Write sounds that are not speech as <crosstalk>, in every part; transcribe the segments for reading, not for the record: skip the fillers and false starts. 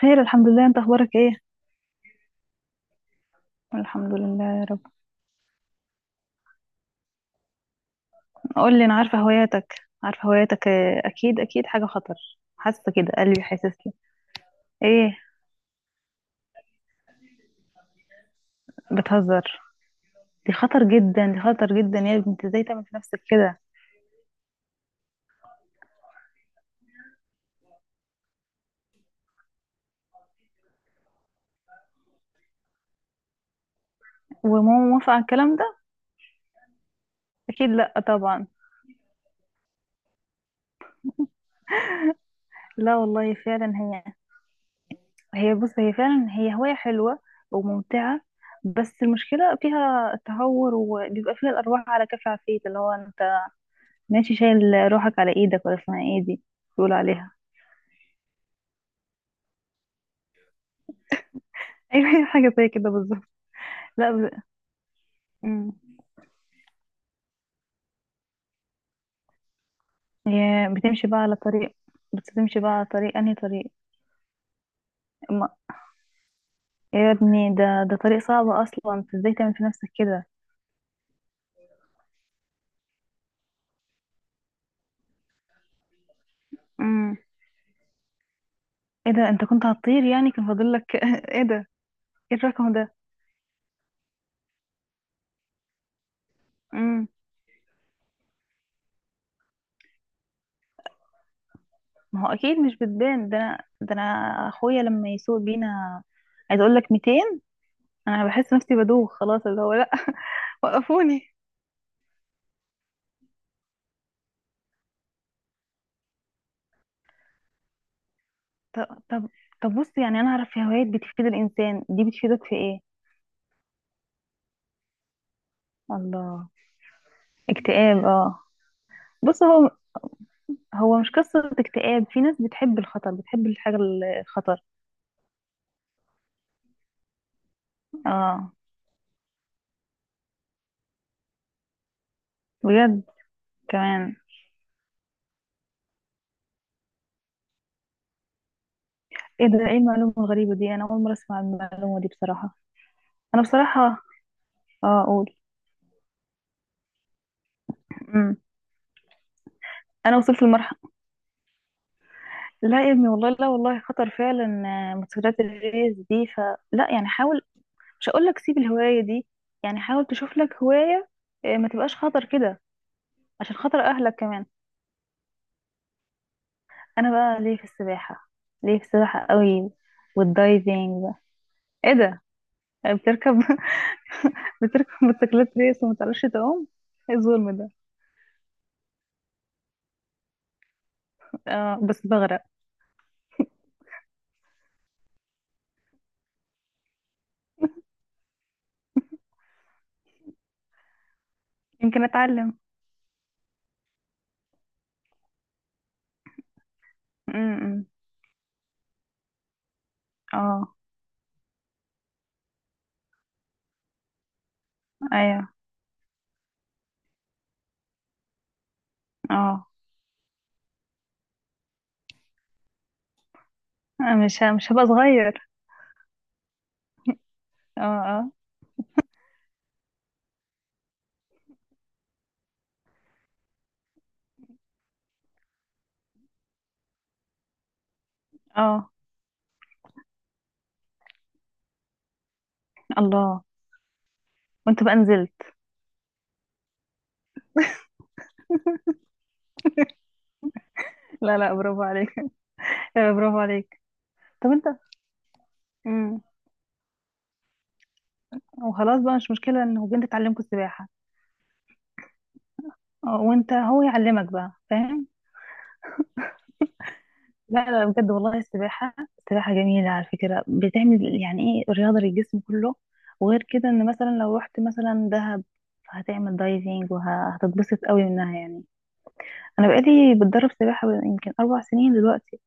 خير، الحمد لله. انت اخبارك ايه؟ الحمد لله يا رب. قول لي، انا عارفه هواياتك. عارفه هواياتك، اه، اكيد اكيد حاجه خطر. حاسه كده، قلبي حاسس لي. ايه؟ بتهزر؟ دي خطر جدا، دي خطر جدا يا بنت، ازاي تعمل في نفسك كده؟ وماما موافقه على الكلام ده؟ اكيد لا طبعا. لا والله فعلا هي. بص هي فعلا، هي هوايه حلوه وممتعه. بس المشكله فيها تهور وبيبقى فيها الارواح على كف عفيت، اللي هو انت ماشي شايل روحك على ايدك، ولا اسمها ايه دي بيقولوا عليها؟ ايوه <laughs> حاجه زي كده بالظبط. لا. مم. يا بتمشي بقى على طريق بتمشي بقى على طريق، انهي طريق؟ ما... يا ابني، ده ده طريق صعب اصلا، انت ازاي تعمل في نفسك كده؟ امم. ايه ده؟ انت كنت هتطير يعني، كان فاضل لك <laughs> ايه ده؟ ايه الرقم ده؟ امم. ما هو اكيد مش بتبان. ده انا، ده انا اخويا لما يسوق بينا عايز اقول لك 200، انا بحس نفسي بدوخ خلاص، اللي هو لا. <laughs> وقفوني. طب، طب. طب بص، يعني انا اعرف في هوايات بتفيد الانسان، دي بتفيدك في ايه؟ الله. اكتئاب، اه. بص هو، هو مش قصة اكتئاب، في ناس بتحب الخطر، بتحب الحاجة الخطر. اه، بجد. كمان؟ ايه ده، ايه المعلومة الغريبة دي؟ انا اول مرة اسمع المعلومة دي بصراحة. انا بصراحة اه اقول. امم. انا وصلت لمرحلة. لا يا ابني والله، لا والله خطر فعلا. موتوسيكلات الريس دي فلا، يعني حاول، مش هقول لك سيب الهواية دي، يعني حاول تشوف لك هواية ما تبقاش خطر كده، عشان خاطر اهلك كمان. انا بقى ليه في السباحة، ليه في السباحة قوي، والدايفينج بقى. ايه ده؟ يعني بتركب <laughs> بتركب موتوسيكلات ريس وما تعرفش تعوم؟ ايه الظلم ده؟ اه بس بغرق. يمكن اتعلم. امم. اه. ايوه. اه. مش هبقى صغير. اه، اه، اه. الله. وانت بقى نزلت؟ لا لا، برافو عليك. <laughs> برافو عليك. طب انت. امم. وخلاص بقى، مش مشكلة ان هو انت تعلمكوا السباحة. وانت هو يعلمك بقى، فاهم. لا لا بجد والله، السباحة، السباحة جميلة على فكرة، بتعمل يعني ايه رياضة للجسم كله. وغير كده، ان مثلا لو رحت مثلا دهب هتعمل دايفنج وهتتبسط قوي منها يعني. انا بقالي بتدرب سباحة يمكن اربع سنين دلوقتي.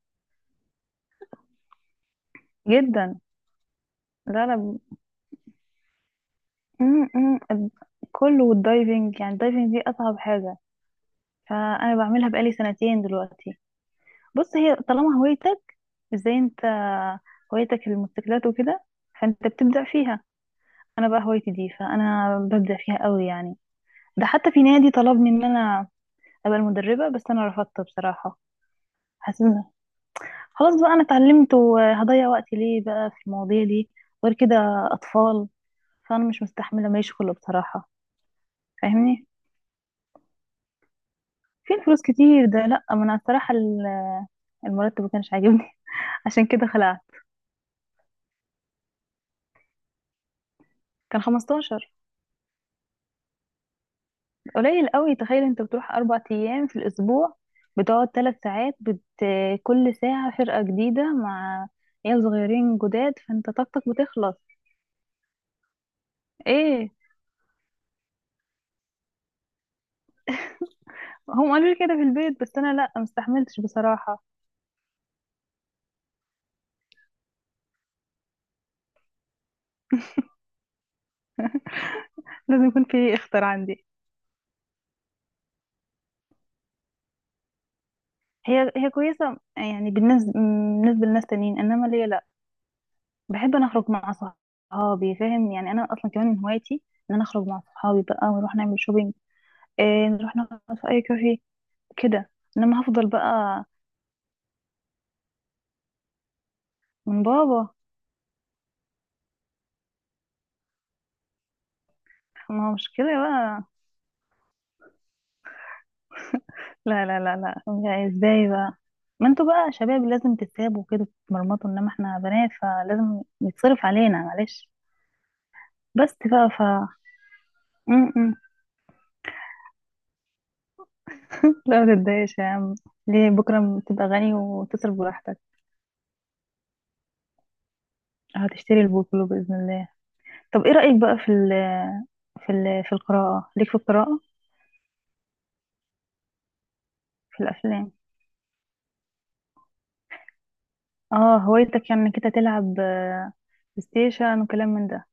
جدا. لا لا. م- م- ال- كله، والدايفنج، يعني الدايفنج دي اصعب حاجة، فانا بعملها بقالي سنتين دلوقتي. بص، هي طالما هوايتك، زي انت هوايتك الموتوسيكلات وكده، فانت بتبدع فيها. انا بقى هوايتي دي فانا ببدع فيها قوي يعني. ده حتى في نادي طلبني ان انا ابقى المدربة، بس انا رفضت بصراحة. حسيت إن خلاص بقى، انا اتعلمت، وهضيع وقتي ليه بقى في المواضيع دي؟ غير كده اطفال، فانا مش مستحملة ما يشغله بصراحة. فاهمني، فين فلوس كتير ده؟ لا ما انا الصراحة المرتب ما كانش عاجبني. <laughs> عشان كده خلعت. كان 15، قليل قوي. تخيل انت بتروح اربع ايام في الاسبوع، بتقعد ثلاث ساعات كل ساعة فرقة جديدة مع عيال صغيرين جداد، فانت طاقتك بتخلص. ايه، هم قالوا لي كده في البيت بس انا لا، مستحملتش بصراحة. لازم يكون في اختر عندي. هي كويسة يعني، بالنسبة بالنسبة لناس تانيين، انما ليا لا. بحب انا اخرج مع صحابي، فاهم يعني، انا اصلا كمان من هوايتي ان انا اخرج مع صحابي بقى ونروح نعمل شوبينج، إيه، نروح نقعد في اي كافيه كده. انما هفضل بقى من بابا. ما هو مش كده بقى؟ لا لا لا لا، يا ازاي بقى؟ ما انتوا بقى شباب، لازم تتسابوا كده، تتمرمطوا. انما احنا بنات فلازم يتصرف علينا، معلش. بس بقى ف م- م. لا ما تتضايقش يا عم، ليه؟ بكرة تبقى غني وتصرف براحتك. هتشتري البوكلو بإذن الله. طب ايه رأيك بقى في القراءة، ليك في القراءة؟ في الأفلام. اه، هوايتك يعني انك انت تلعب بلاي ستيشن وكلام من ده.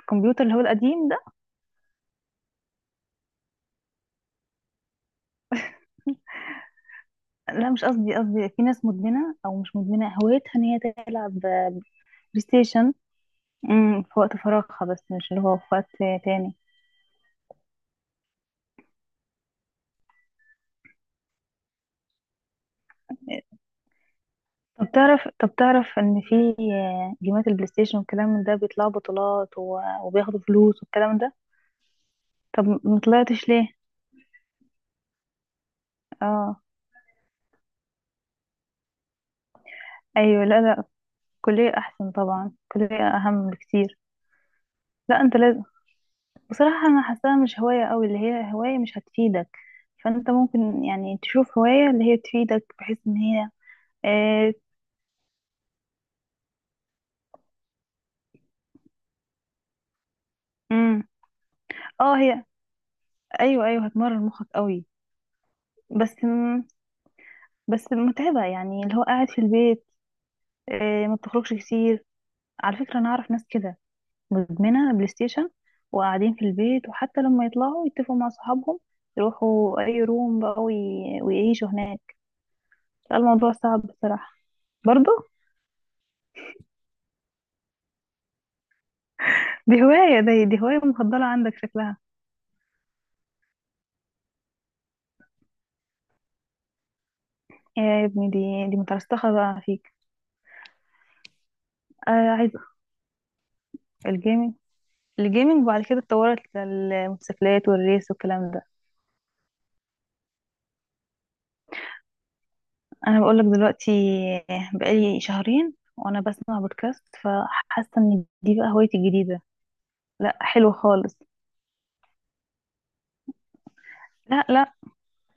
الكمبيوتر اللي هو القديم ده. لا مش قصدي، قصدي في ناس مدمنة أو مش مدمنة، هوايتها إن هي تلعب بلاي ستيشن. في وقت فراغها، بس مش اللي هو في وقت تاني. طب تعرف إن في جيمات البلاي ستيشن والكلام من ده بيطلعوا بطولات وبياخدوا فلوس والكلام ده؟ طب مطلعتش ليه؟ اه. أيوه، لا لا، الكلية أحسن طبعا، الكلية أهم بكتير. لا أنت لازم، بصراحة أنا حاساها مش هواية أوي، اللي هي هواية مش هتفيدك، فأنت ممكن يعني تشوف هواية اللي هي تفيدك بحيث إن هي آه، امم. اه هي، ايوه ايوه، هتمرن مخك قوي. بس م... بس متعبه يعني، اللي هو قاعد في البيت، إيه، ما بتخرجش كتير. على فكره انا اعرف ناس كده مدمنه بلاي ستيشن، وقاعدين في البيت، وحتى لما يطلعوا يتفقوا مع صحابهم يروحوا اي روم بقى ويعيشوا هناك. الموضوع صعب بصراحه. برضه. دي هوايه مفضله عندك شكلها. يا ابني دي مترسخه بقى فيك. عايزه الجيمنج. الجيمنج، وبعد كده اتطورت للموتوسيكلات والريس والكلام ده. انا بقول لك دلوقتي، بقالي شهرين وانا بسمع بودكاست، فحاسه ان دي بقى هوايتي الجديده. لا حلو خالص. لا لا،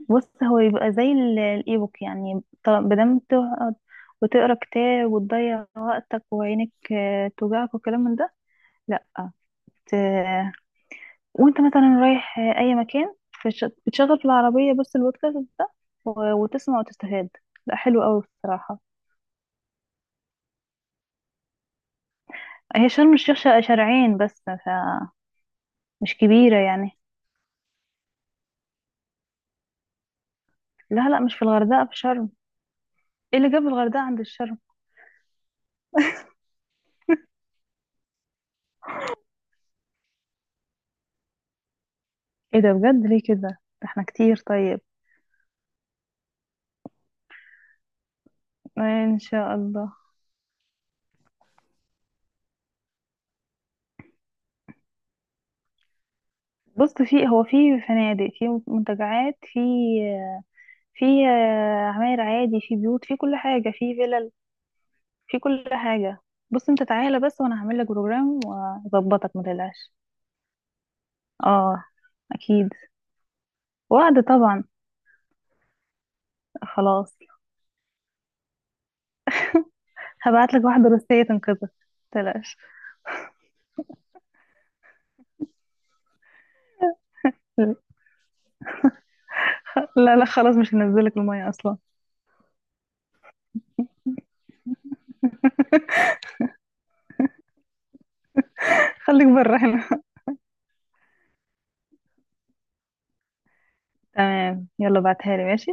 بص هو يبقى زي الايبوك يعني، بدل ما تقعد وتقرا كتاب وتضيع وقتك وعينك توجعك وكلام من ده، لا ت... وانت مثلا رايح اي مكان بتشغل في العربيه بس البودكاست ده وتسمع وتستفاد. لا حلو قوي بصراحه. هي شرم الشيخ شارعين بس مش كبيرة يعني. لا لا، مش في الغردقة، في شرم. ايه اللي جاب الغردقة عند الشرم؟ ايه ده بجد، ليه كده؟ ده احنا كتير طيب. ان شاء الله. بص، في فنادق، في منتجعات، في في عماير عادي، في بيوت، في كل حاجة، في فلل، في كل حاجة. بص انت تعالى بس، وانا هعمل لك بروجرام واظبطك ما تقلقش. اه، اكيد. وعد طبعا. خلاص. هبعت لك واحدة روسية تنقذك، ما تقلقش. لا لا خلاص، مش هنزلك المية اصلا. خليك بره هنا. تمام، يلا بعتها لي ماشي.